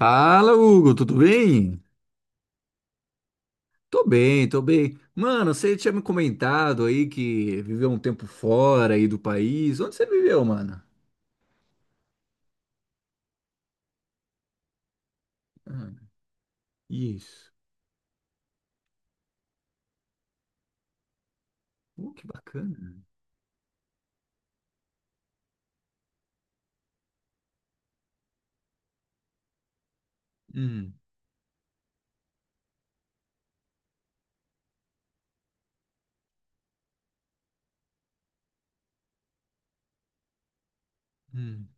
Fala, Hugo, tudo bem? Tô bem, tô bem. Mano, você tinha me comentado aí que viveu um tempo fora aí do país. Onde você viveu, mano? Ah, isso. Oh, que bacana. Hum, hum.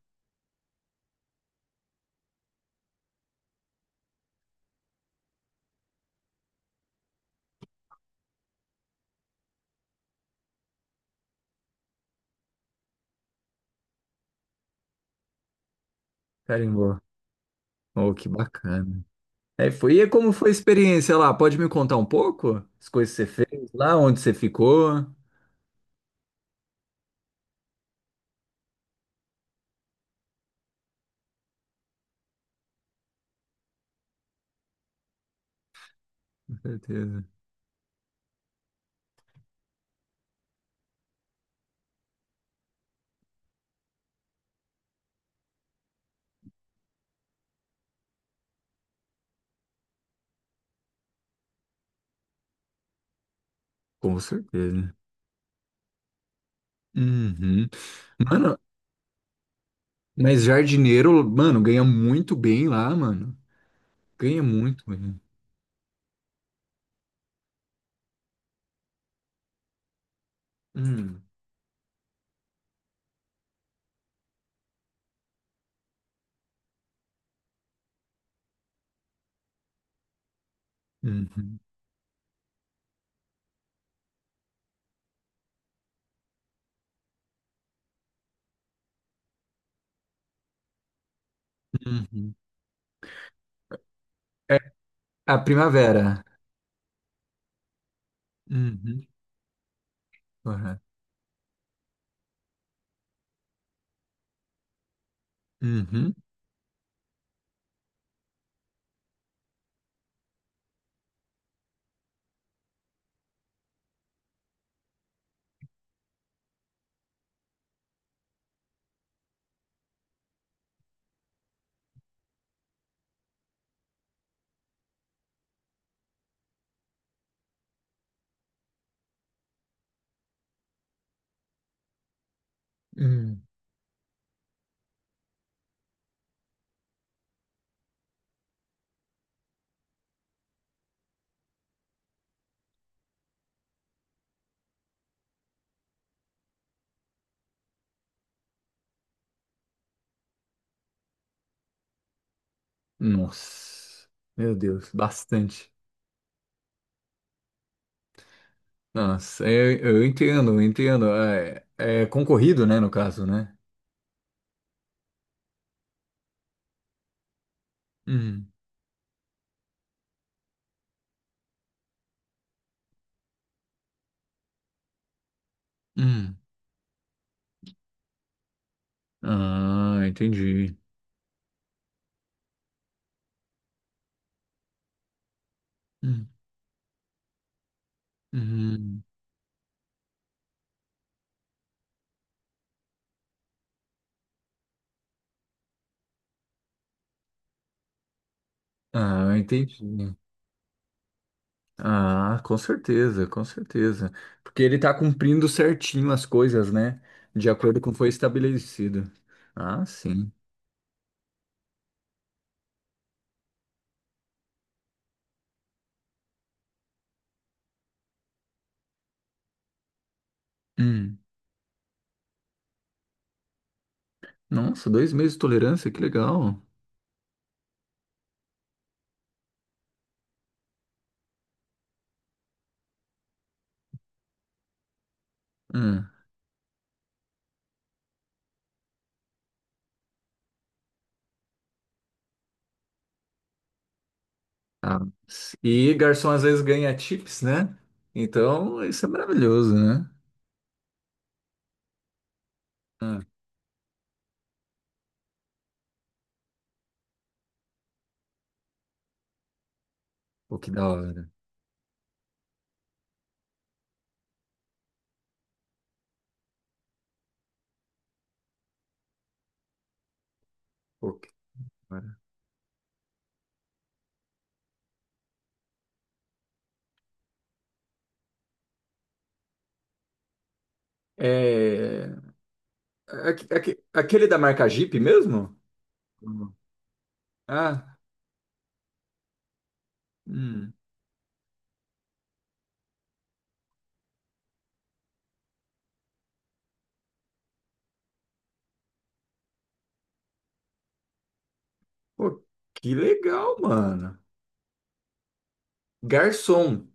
Carimbó. Oh, que bacana. É, foi. E como foi a experiência lá? Pode me contar um pouco? As coisas que você fez lá, onde você ficou? Com certeza. Com certeza. Uhum. Mano, mas jardineiro, mano, ganha muito bem lá, mano. Ganha muito bem. Hum. Uhum, uhum. É a primavera. Uhum, correto. Uhum, uhum. Nossa, meu Deus, bastante. Nossa, eu entendo, eu entendo. É, é concorrido, né, no caso, né? Uhum, uhum. Ah, entendi. Uhum, uhum. Ah, entendi. Ah, com certeza, com certeza. Porque ele tá cumprindo certinho as coisas, né? De acordo com o que foi estabelecido. Ah, sim. Hum. Nossa, dois meses de tolerância, que legal. Hum, tá. E garçom às vezes ganha tips, né? Então, isso é maravilhoso, né? Hum, pô, que da hora. Pô, que da hora. É... Aquele da marca Jeep mesmo? Hum. Ah, hum. Pô, que legal, mano. Garçom.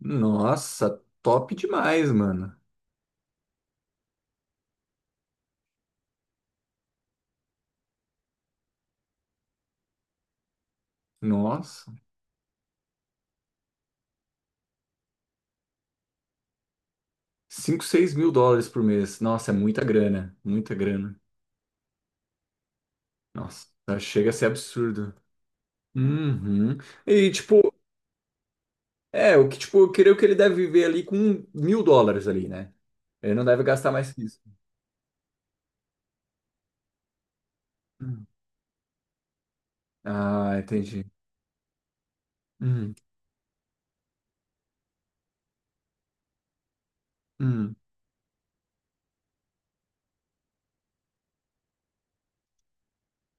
Nossa, top demais, mano. Nossa. Cinco, seis mil dólares por mês. Nossa, é muita grana. Muita grana. Nossa, chega a ser absurdo. Uhum. E tipo, é, o que tipo, eu creio que ele deve viver ali com $1.000 ali, né? Ele não deve gastar mais que isso. Hum. Ah, entendi. Hum, hum.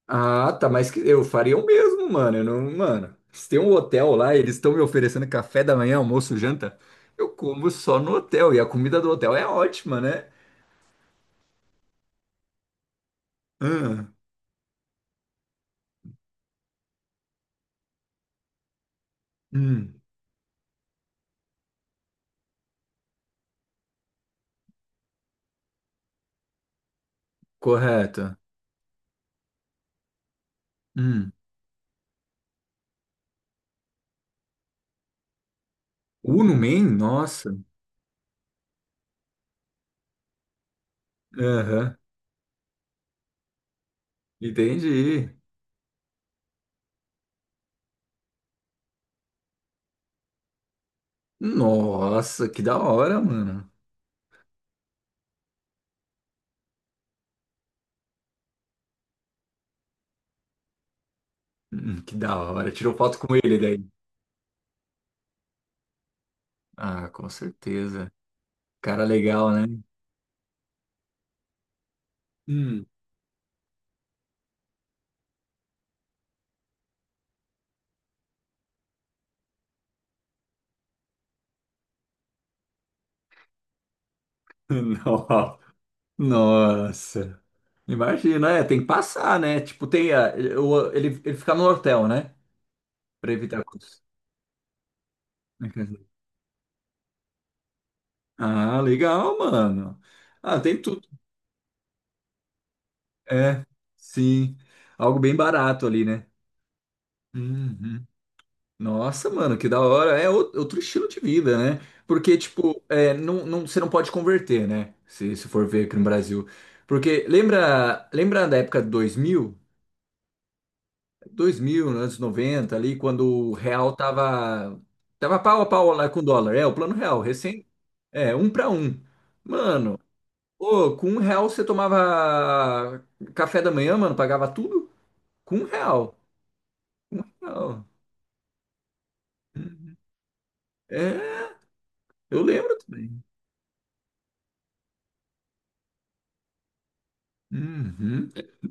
Ah, tá, mas que- eu faria o mesmo, mano. Eu não, mano, se tem um hotel lá, eles estão me oferecendo café da manhã, almoço, janta, eu como só no hotel. E a comida do hotel é ótima, né? Hum, hum, correto. Hum. Uno Man? Nossa. Aham, entendi. Nossa, que da hora, mano. Que da hora. Tirou foto com ele daí. Ah, com certeza. Cara legal, né? Hum. No- Nossa. Imagina, é, tem que passar, né? Tipo, tem a, o- ele fica no hotel, né? Pra evitar custos. Ah, legal, mano. Ah, tem tudo. É, sim. Algo bem barato ali, né? Uhum. Nossa, mano, que da hora. É ou- outro estilo de vida, né? Porque, tipo, é, não, não, você não pode converter, né? Se for ver aqui no Brasil. Porque lembra, lembra da época de 2000, 2000, anos 90 ali, quando o real tava, tava pau a pau lá com o dólar. É, o plano real, recém. É, um pra um. Mano, ô, com um real você tomava café da manhã, mano, pagava tudo? Com um real. Com um real. É, eu lembro. Também. Uhum.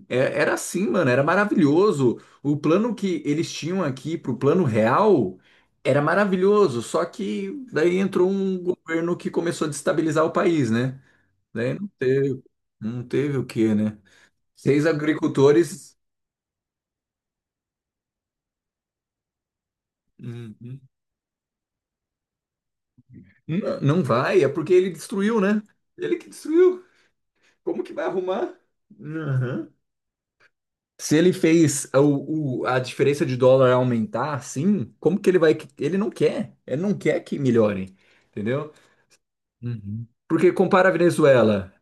É- Era assim, mano, era maravilhoso. O plano que eles tinham aqui pro plano real era maravilhoso, só que daí entrou um governo que começou a destabilizar o país, né? Daí não teve, não teve o quê, né? Seis agricultores. Uhum. Não, não vai, é porque ele destruiu, né? Ele que destruiu. Como que vai arrumar? Uhum. Se ele fez o- a diferença de dólar aumentar assim, como que ele vai. Ele não quer. Ele não quer que melhore. Entendeu? Uhum. Porque compara a Venezuela.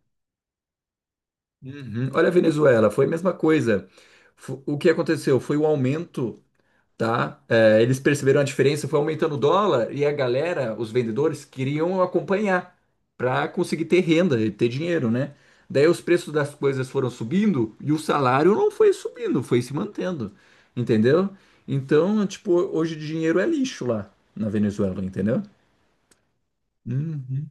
Uhum. Olha a Venezuela, foi a mesma coisa. Fo- O que aconteceu foi o aumento tá? É, eles perceberam a diferença, foi aumentando o dólar e a galera, os vendedores, queriam acompanhar para conseguir ter renda e ter dinheiro, né? Daí os preços das coisas foram subindo e o salário não foi subindo, foi se mantendo, entendeu? Então, tipo, hoje dinheiro é lixo lá na Venezuela, entendeu? Uhum.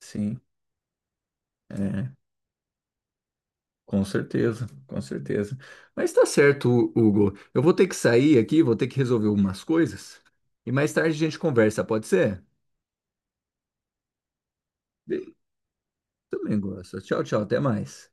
Sim, é, com certeza, com certeza. Mas tá certo, Hugo. Eu vou ter que sair aqui, vou ter que resolver algumas coisas e mais tarde a gente conversa, pode ser? Também gosto. Tchau, tchau. Até mais.